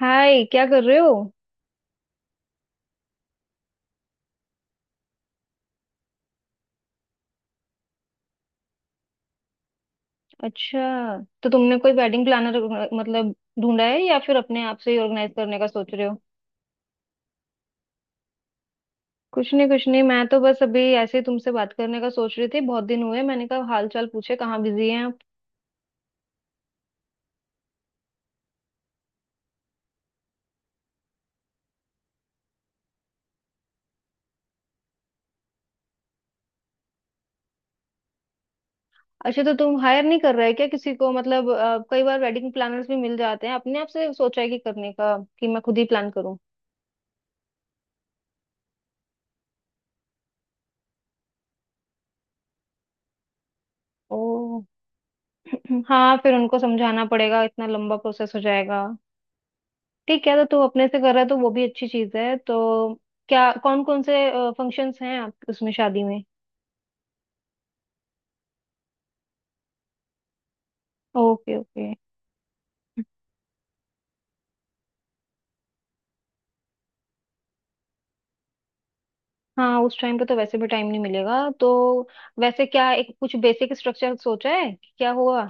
हाय, क्या कर रहे हो। अच्छा, तो तुमने कोई वेडिंग प्लानर मतलब ढूंढा है या फिर अपने आप से ही ऑर्गेनाइज करने का सोच रहे हो। कुछ नहीं कुछ नहीं, मैं तो बस अभी ऐसे ही तुमसे बात करने का सोच रही थी। बहुत दिन हुए, मैंने कहा हाल चाल पूछे, कहाँ बिजी हैं आप। अच्छा, तो तुम हायर नहीं कर रहे क्या किसी को। मतलब कई बार वेडिंग प्लानर्स भी मिल जाते हैं। अपने आप से सोचा है कि करने का, कि मैं खुद ही प्लान करूँ। ओ हाँ, फिर उनको समझाना पड़ेगा, इतना लंबा प्रोसेस हो जाएगा। ठीक है, तो तू अपने से कर रहा है तो वो भी अच्छी चीज है। तो क्या कौन कौन से फंक्शंस हैं आप उसमें, शादी में। Okay okay. हाँ, उस टाइम पे तो वैसे भी टाइम नहीं मिलेगा। तो वैसे क्या एक कुछ बेसिक स्ट्रक्चर सोचा है कि क्या होगा।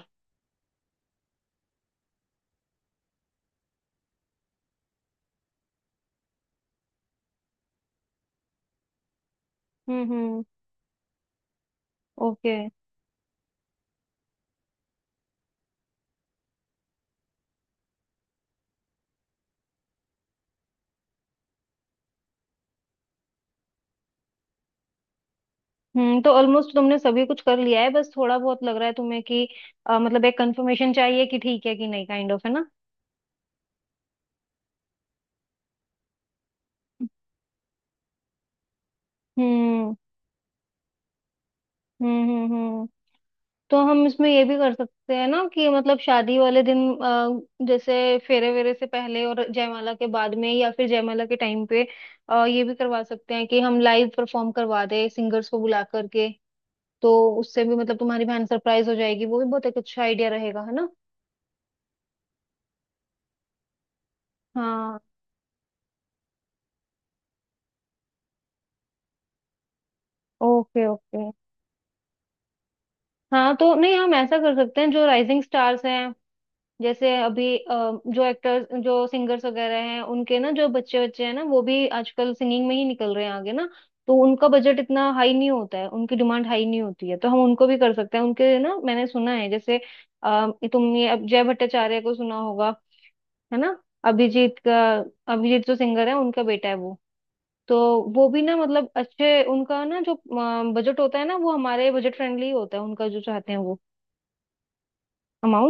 हम्म। ओके। हम्म, तो ऑलमोस्ट तुमने सभी कुछ कर लिया है। बस थोड़ा बहुत लग रहा है तुम्हें कि मतलब एक कंफर्मेशन चाहिए कि ठीक है कि नहीं। काइंड ऑफ है ना। हम्म हम्म हम्म हम्म तो हम इसमें ये भी कर सकते हैं ना कि मतलब शादी वाले दिन जैसे फेरे वेरे से पहले और जयमाला के बाद में या फिर जयमाला के टाइम पे ये भी करवा सकते हैं कि हम लाइव परफॉर्म करवा दें, सिंगर्स को बुला करके। तो उससे भी मतलब तुम्हारी बहन सरप्राइज हो जाएगी। वो भी बहुत एक अच्छा आइडिया रहेगा, है ना। हाँ हाँ। Okay okay. हाँ, तो नहीं, हम ऐसा कर सकते हैं जो राइजिंग स्टार्स हैं। जैसे अभी जो एक्टर्स जो सिंगर्स वगैरह हैं, उनके ना जो बच्चे बच्चे हैं ना, वो भी आजकल सिंगिंग में ही निकल रहे हैं आगे ना। तो उनका बजट इतना हाई नहीं होता है, उनकी डिमांड हाई नहीं होती है। तो हम उनको भी कर सकते हैं। उनके ना मैंने सुना है जैसे अ, तुमने अब जय भट्टाचार्य को सुना होगा, है ना। अभिजीत का, अभिजीत जो सिंगर है, उनका बेटा है वो। तो वो भी ना मतलब अच्छे उनका ना जो बजट होता है ना वो हमारे बजट फ्रेंडली होता है, उनका जो चाहते हैं वो।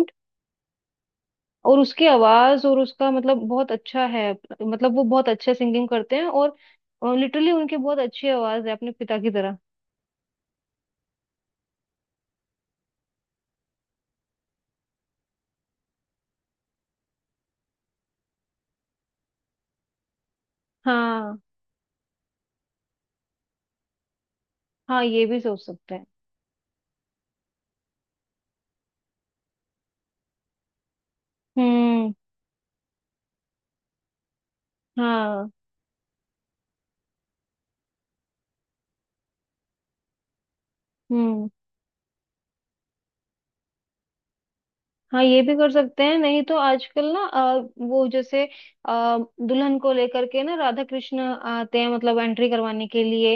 और उसकी आवाज और उसका मतलब बहुत अच्छा है। मतलब वो बहुत अच्छे सिंगिंग करते हैं। और लिटरली उनकी बहुत अच्छी आवाज है, अपने पिता की तरह। हाँ, हाँ ये भी सोच सकते हैं। हम्म हाँ हम्म। हाँ, ये भी कर सकते हैं। नहीं तो आजकल ना वो जैसे अ, दुल्हन को लेकर के ना राधा कृष्ण आते हैं, मतलब एंट्री करवाने के लिए।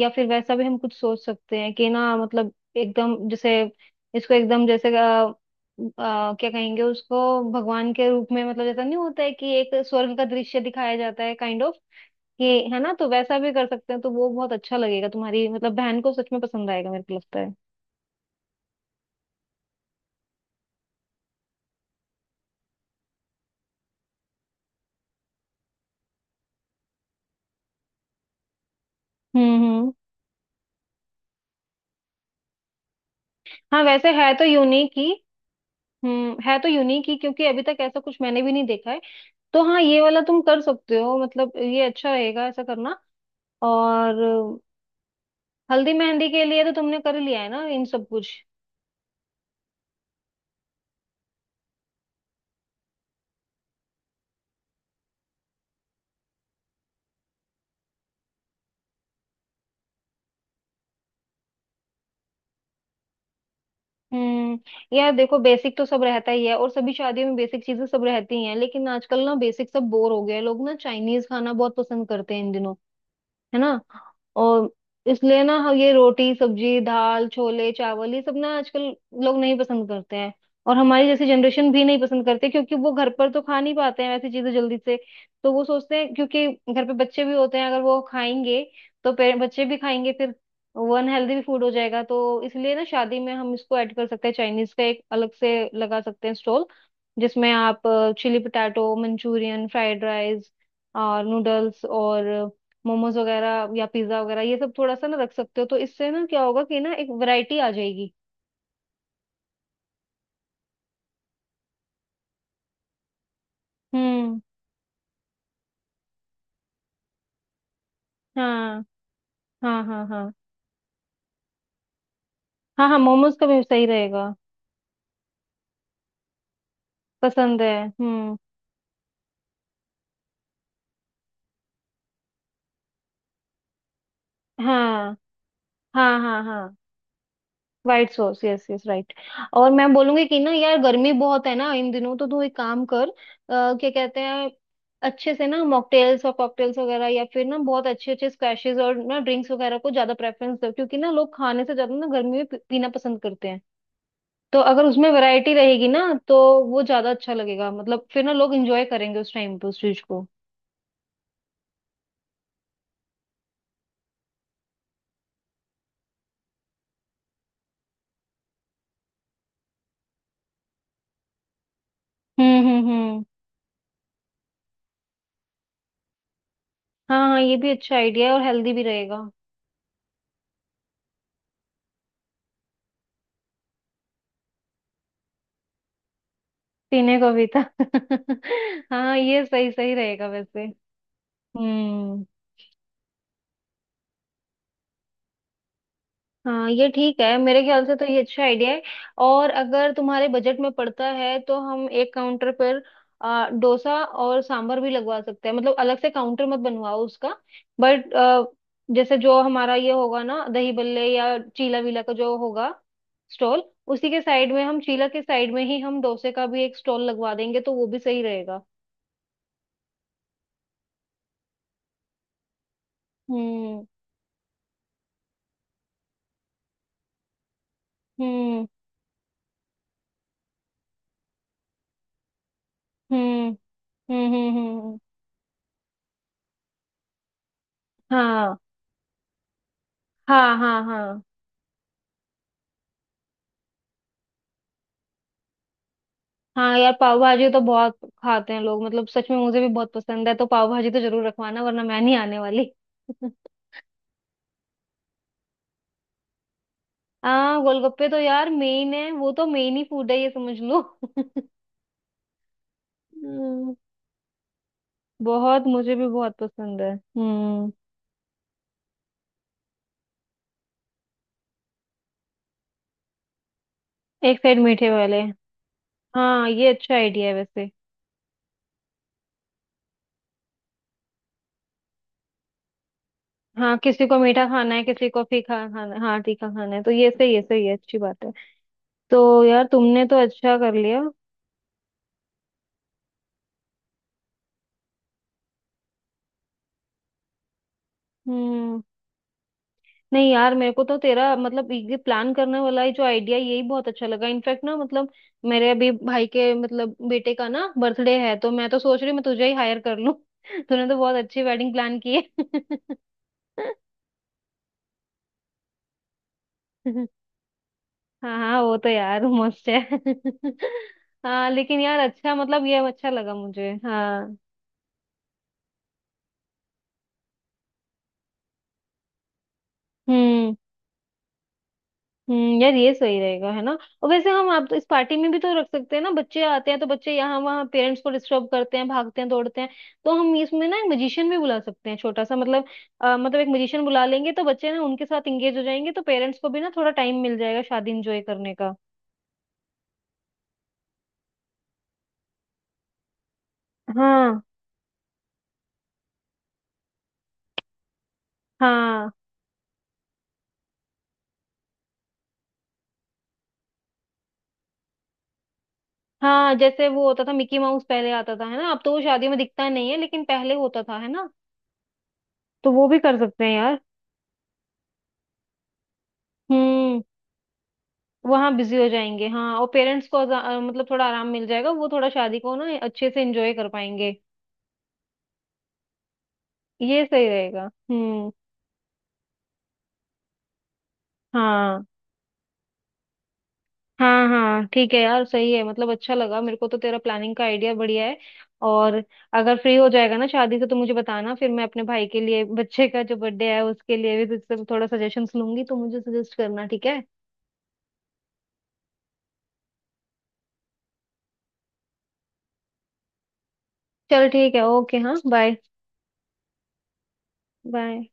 या फिर वैसा भी हम कुछ सोच सकते हैं कि ना मतलब एकदम जैसे इसको एकदम जैसे अ, क्या कहेंगे उसको, भगवान के रूप में। मतलब जैसा नहीं होता है कि एक स्वर्ग का दृश्य दिखाया जाता है, काइंड ऑफ। कि है ना, तो वैसा भी कर सकते हैं। तो वो बहुत अच्छा लगेगा, तुम्हारी मतलब बहन को सच में पसंद आएगा मेरे को लगता है। हम्म। हाँ वैसे है तो यूनिक ही। हम्म, है तो यूनिक ही, क्योंकि अभी तक ऐसा कुछ मैंने भी नहीं देखा है। तो हाँ, ये वाला तुम कर सकते हो, मतलब ये अच्छा रहेगा ऐसा करना। और हल्दी मेहंदी के लिए तो तुमने कर लिया है ना इन सब कुछ। हम्म, यार देखो बेसिक तो सब रहता ही है और सभी शादियों में बेसिक चीजें सब रहती ही हैं। लेकिन आजकल ना बेसिक सब बोर हो गया है। लोग ना चाइनीज खाना बहुत पसंद करते हैं इन दिनों, है ना। और इसलिए ना हम ये रोटी सब्जी दाल छोले चावल ये सब ना आजकल लोग नहीं पसंद करते हैं। और हमारी जैसी जनरेशन भी नहीं पसंद करते, क्योंकि वो घर पर तो खा नहीं पाते हैं वैसी चीजें जल्दी से। तो वो सोचते हैं क्योंकि घर पे बच्चे भी होते हैं, अगर वो खाएंगे तो बच्चे भी खाएंगे फिर। वो अनहेल्दी भी फूड हो जाएगा। तो इसलिए ना शादी में हम इसको ऐड कर सकते हैं, चाइनीज का एक अलग से लगा सकते हैं स्टॉल, जिसमें आप chilli potato manchurian fried rice और नूडल्स और मोमोज वगैरह या पिज्जा वगैरह ये सब थोड़ा सा ना रख सकते हो। तो इससे ना क्या होगा कि ना एक वैरायटी आ जाएगी। हम्म। हाँ हाँ हाँ। हाँ हाँ हाँ। मोमोज का भी सही रहेगा। पसंद है, हम्म। हाँ हाँ हाँ। हाँ, white sauce, yes yes, right. और मैं बोलूंगी कि ना यार गर्मी बहुत है ना इन दिनों, तो तू एक काम कर। क्या कहते हैं, अच्छे से ना मॉकटेल्स और कॉकटेल्स वगैरह, या फिर ना बहुत अच्छे अच्छे स्क्वैशेस और ना ड्रिंक्स वगैरह को ज्यादा प्रेफरेंस दो, क्योंकि ना लोग खाने से ज्यादा ना गर्मी में पीना पसंद करते हैं। तो अगर उसमें वैरायटी रहेगी ना, तो वो ज्यादा अच्छा लगेगा। मतलब फिर ना लोग एंजॉय करेंगे उस टाइम पे उस चीज को। हम्म। हाँ हाँ, ये भी अच्छा आइडिया है और हेल्दी भी रहेगा। पीने को भी था हाँ ये सही सही रहेगा वैसे। हम्म। हाँ ये ठीक है, मेरे ख्याल से तो ये अच्छा आइडिया है। और अगर तुम्हारे बजट में पड़ता है तो हम एक काउंटर पर डोसा और सांभर भी लगवा सकते हैं। मतलब अलग से काउंटर मत बनवाओ उसका, बट जैसे जो हमारा ये होगा ना दही बल्ले या चीला वीला का जो होगा स्टॉल, उसी के साइड में हम चीला के साइड में ही हम डोसे का भी एक स्टॉल लगवा देंगे, तो वो भी सही रहेगा। हम्म। हम्म हम्म हम्म। हम्म। हाँ। हाँ हाँ हाँ। हाँ यार, पाव भाजी तो बहुत खाते हैं लोग, मतलब सच में मुझे भी बहुत पसंद है। तो पाव भाजी तो जरूर रखवाना, वरना मैं नहीं आने वाली हाँ, गोलगप्पे तो यार मेन है, वो तो मेन ही फूड है ये समझ लो हम्म, बहुत, मुझे भी बहुत पसंद है, हम्म। एक साइड मीठे वाले। हाँ ये अच्छा आइडिया है वैसे। हाँ, किसी को मीठा खाना है, किसी को फीका खाना, हाँ तीखा खाना है, तो ये सही, ये सही है, अच्छी बात है। तो यार तुमने तो अच्छा कर लिया। हम्म। नहीं यार, मेरे को तो तेरा मतलब ये प्लान करने वाला है जो आइडिया यही बहुत अच्छा लगा। इनफैक्ट ना मतलब मेरे अभी भाई के मतलब बेटे का ना बर्थडे है, तो मैं तो सोच रही हूँ मैं तुझे ही हायर कर लूँ तूने तो बहुत अच्छी वेडिंग प्लान की है। हाँ हाँ, वो तो यार मस्त है हाँ, लेकिन यार अच्छा, मतलब ये अच्छा लगा मुझे, हाँ। हम्म हम्म, यार ये सही रहेगा, है ना। और वैसे हम आप तो इस पार्टी में भी तो रख सकते हैं ना। बच्चे आते हैं तो बच्चे यहाँ वहाँ पेरेंट्स को डिस्टर्ब करते हैं, भागते हैं दौड़ते हैं। तो हम इसमें ना एक मजिशियन भी बुला सकते हैं छोटा सा। मतलब मतलब एक मजिशियन बुला लेंगे तो बच्चे ना उनके साथ इंगेज हो जाएंगे, तो पेरेंट्स को भी ना थोड़ा टाइम मिल जाएगा शादी इंजॉय करने का। हाँ हाँ। हाँ जैसे वो होता था मिकी माउस, पहले आता था है ना। अब तो वो शादियों में दिखता नहीं है, लेकिन पहले होता था, है ना। तो वो भी कर सकते हैं यार। हम्म। वहाँ बिजी हो जाएंगे। हाँ और पेरेंट्स को मतलब थोड़ा आराम मिल जाएगा, वो थोड़ा शादी को ना अच्छे से एंजॉय कर पाएंगे। ये सही रहेगा। हम्म। हाँ। हाँ हाँ ठीक है यार, सही है। मतलब अच्छा लगा मेरे को तो, तेरा प्लानिंग का आइडिया बढ़िया है। और अगर फ्री हो जाएगा ना शादी से तो मुझे बताना, फिर मैं अपने भाई के लिए बच्चे का जो बर्थडे है उसके लिए भी तुझसे थोड़ा सजेशंस लूंगी, तो मुझे सजेस्ट करना, ठीक है। चल ठीक है, ओके, हाँ बाय। बाय।